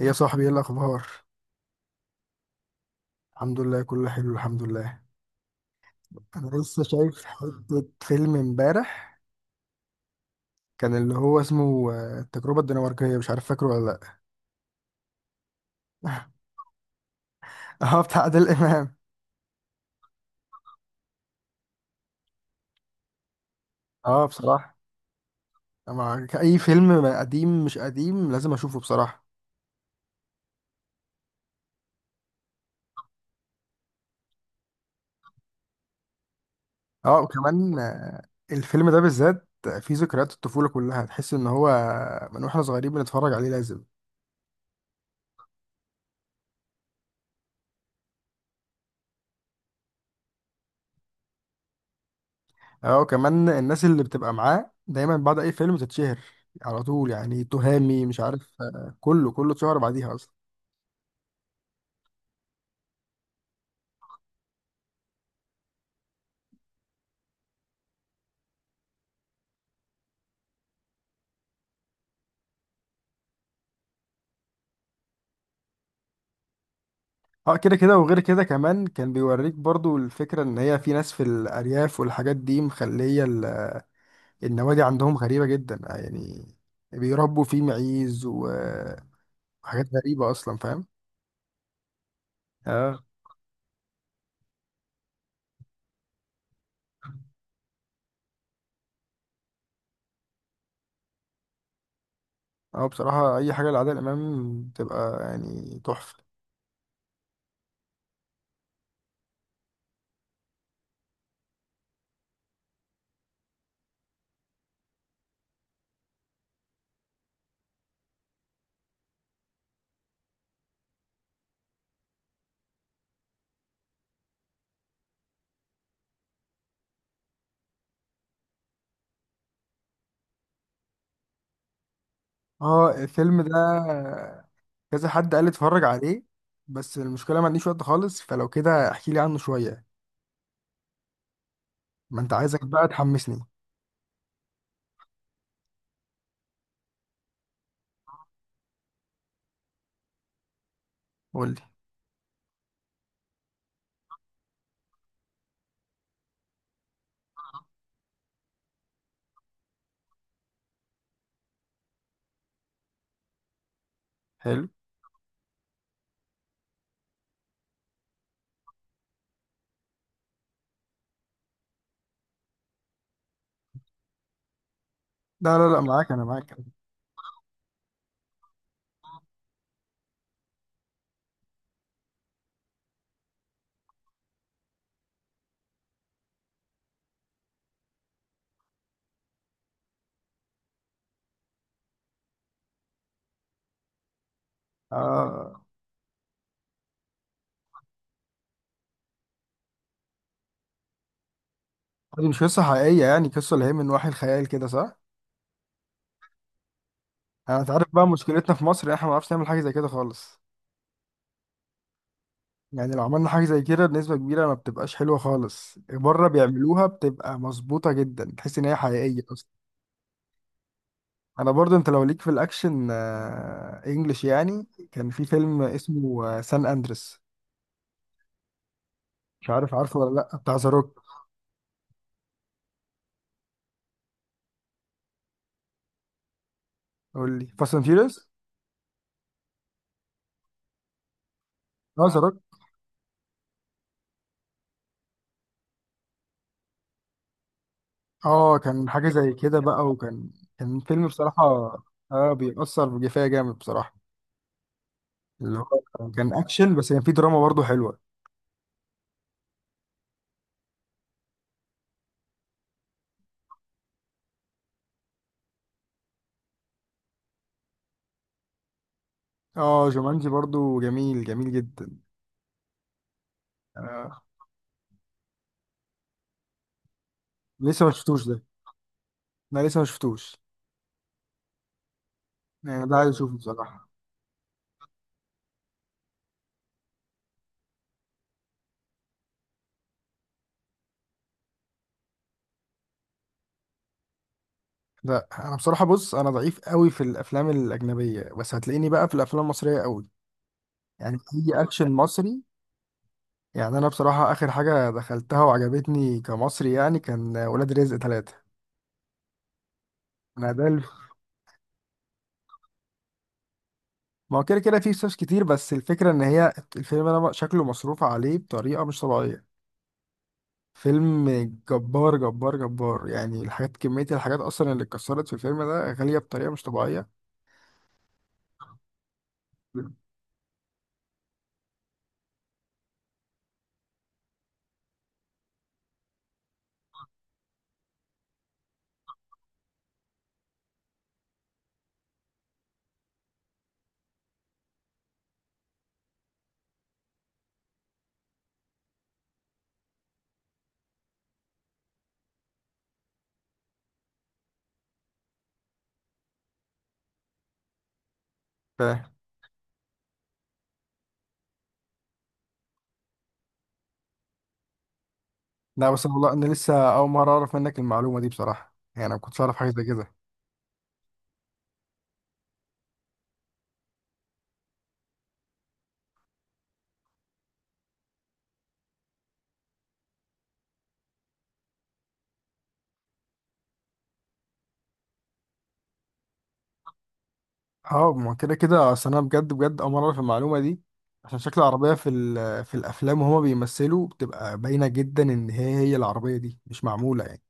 إيه يا صاحبي، ايه الاخبار؟ الحمد لله، كله حلو. الحمد لله. انا لسه شايف حته فيلم امبارح، كان اللي هو اسمه التجربه الدنماركيه. مش عارف فاكره ولا لا. اه، بتاع عادل امام. اه بصراحه، مع اي فيلم، قديم مش قديم، لازم اشوفه بصراحه. اه، وكمان الفيلم ده بالذات فيه ذكريات الطفوله كلها، تحس ان هو من واحنا صغيرين بنتفرج عليه، لازم. اه، كمان الناس اللي بتبقى معاه دايما بعد اي فيلم تتشهر على طول. يعني تهامي، مش عارف، كله كله اتشهر بعديها اصلا. اه، كده كده. وغير كده كمان كان بيوريك برضو الفكرة ان هي في ناس في الارياف، والحاجات دي مخلية النوادي عندهم غريبة جدا يعني. بيربوا فيه معيز وحاجات غريبة اصلا، فاهم؟ اه. اه بصراحة، اي حاجة لعادل امام بتبقى يعني تحفة. اه، الفيلم ده كذا حد قال لي اتفرج عليه. بس المشكلة ما عنديش وقت خالص، فلو كده احكي لي عنه شوية. ما انت عايزك بقى تحمسني. قول لي. حلو. لا لا لا، معاك، انا معاك. آه، دي مش قصة حقيقية، يعني قصة اللي هي من وحي الخيال كده، صح؟ انت عارف بقى مشكلتنا في مصر، إن احنا ما بنعرفش نعمل حاجة زي كده خالص. يعني لو عملنا حاجة زي كده، بنسبة كبيرة ما بتبقاش حلوة خالص. بره بيعملوها بتبقى مظبوطة جدا، تحس ان هي حقيقية اصلا. انا برضه، انت لو ليك في الاكشن انجلش يعني، كان في فيلم اسمه سان اندريس. مش عارف عارفه ولا لا، بتاع ذا روك. قول لي، فاست اند فيوريوس. اه، ذا روك. اه، كان حاجه زي كده بقى، وكان فيلم بصراحه. اه، بيأثر بجفاية جامد بصراحه. اللي هو كان اكشن، بس كان فيه دراما برضه حلوه. اه، جومانجي برضه، جميل جميل جدا. آه. لسه ما شفتوش ده. انا لسه ما شفتوش. يعني ده عايز اشوفه بصراحه. لا، انا بصراحه، بص انا ضعيف قوي في الافلام الاجنبيه، بس هتلاقيني بقى في الافلام المصريه قوي. يعني اي اكشن مصري. يعني انا بصراحه اخر حاجه دخلتها وعجبتني كمصري يعني كان ولاد رزق 3. انا ده الف- ما هو كده كده فيه فلوس كتير، بس الفكره ان هي الفيلم انا شكله مصروف عليه بطريقه مش طبيعيه. فيلم جبار جبار جبار، يعني الحاجات، كميه الحاجات اصلا اللي اتكسرت في الفيلم ده غاليه بطريقه مش طبيعيه. ف... لا بس والله، انا لسه اول مره اعرف منك المعلومه دي بصراحه. يعني انا ما كنتش اعرف حاجه زي كده. اه، ما كده كده، اصل انا بجد بجد اول مره في المعلومه دي. عشان شكل العربيه في في الافلام وهما بيمثلوا بتبقى باينه جدا ان هي العربيه دي مش معموله يعني.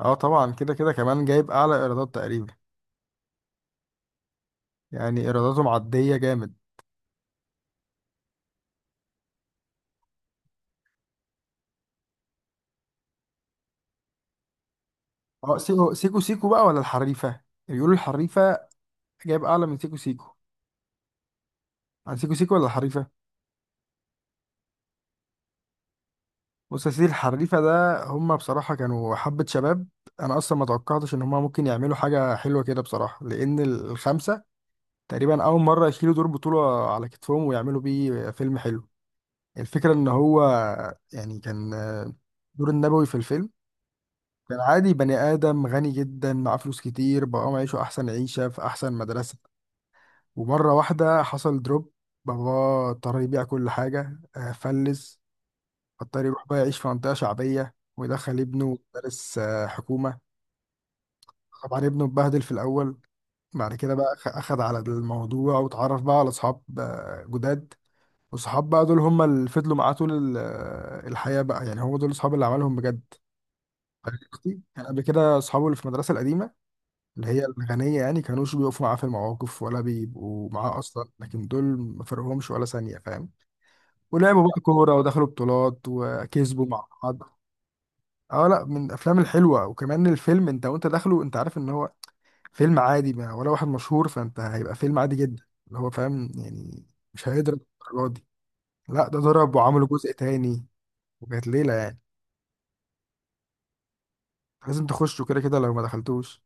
اه طبعا. كده كده كمان جايب اعلى ايرادات تقريبا. يعني ايراداته معديه جامد. اه، سيكو سيكو سيكو بقى، ولا الحريفه؟ بيقولوا الحريفه جايب اعلى من سيكو سيكو. عن سيكو سيكو ولا الحريفه؟ بص يا سيدي، الحريفه ده هما بصراحه كانوا حبه شباب. انا اصلا ما توقعتش ان هما ممكن يعملوا حاجه حلوه كده بصراحه، لان الخمسه تقريبا أول مرة يشيلوا دور بطولة على كتفهم ويعملوا بيه فيلم حلو. الفكرة إن هو يعني كان دور النبوي في الفيلم، كان عادي، بني آدم غني جدا معاه فلوس كتير، بقى معيشه أحسن عيشة في أحسن مدرسة. ومرة واحدة حصل دروب، باباه اضطر يبيع كل حاجة فلس. اضطر يروح بقى يعيش في منطقة شعبية، ويدخل ابنه مدارس حكومة. طبعا ابنه اتبهدل في الأول، بعد كده بقى أخد على الموضوع واتعرف بقى على أصحاب جداد. وصحاب بقى دول هم اللي فضلوا معاه طول ال- الحياة بقى، يعني هو دول الصحاب اللي عملهم بجد. أنا أختي كان قبل كده أصحابه اللي في المدرسة القديمة، اللي هي الغنية، يعني كانوش بيقفوا معاه في المواقف ولا بيبقوا معاه أصلا، لكن دول ما فرقهمش ولا ثانية، فاهم؟ ولعبوا بقى كورة، ودخلوا بطولات، وكسبوا مع بعض. اه، لا، من الأفلام الحلوة. وكمان الفيلم أنت وأنت داخله أنت عارف إن هو فيلم عادي، ما ولا واحد مشهور، فأنت هيبقى فيلم عادي جدا اللي هو، فاهم يعني، مش هيقدر الدرجة دي. لا، ده ضرب وعملوا جزء تاني، وكانت ليلة يعني. لازم تخشوا، كده كده لو ما دخلتوش.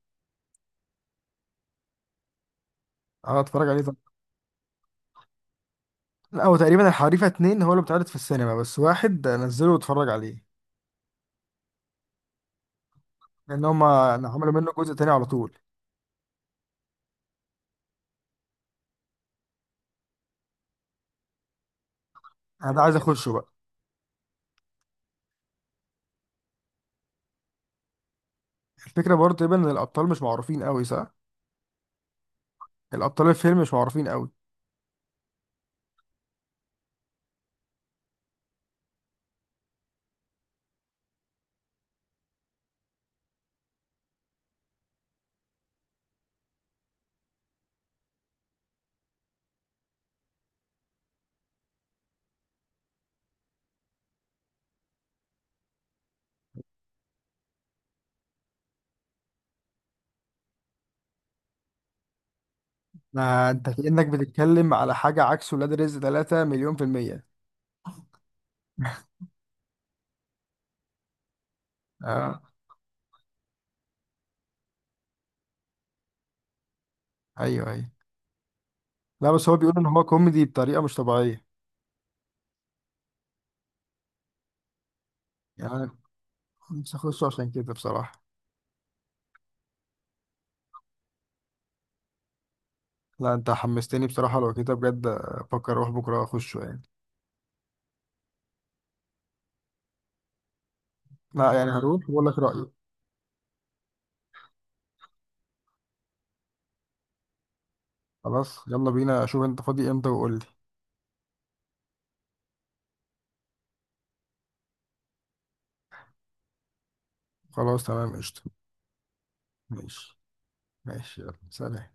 اه، اتفرج عليه طبعا. لا هو تقريبا الحريفة 2 هو اللي بيتعرض في السينما بس، واحد نزله واتفرج عليه. لأن هما يعني عملوا منه جزء تاني على طول. أنا ده عايز أخشه بقى. الفكرة برضه تقريبا إن الأبطال مش معروفين أوي، صح؟ الأبطال الفيلم مش معروفين أوي. ما أنت كأنك بتتكلم على حاجة عكس ولاد رزق 3، مليون في المية. اه، أيوه أيوه. لا، بس هو بيقول إن هو كوميدي بطريقة مش طبيعية. يعني أنا نفسي أخشه عشان كده بصراحة. لا، انت حمستني بصراحة. لو كده بجد افكر اروح بكرة اخشه يعني. لا يعني هروح واقول لك رأيي. خلاص، يلا بينا، اشوف انت فاضي امتى وقول لي. خلاص، تمام، قشطة. ماشي. ماشي، يلا، سلام.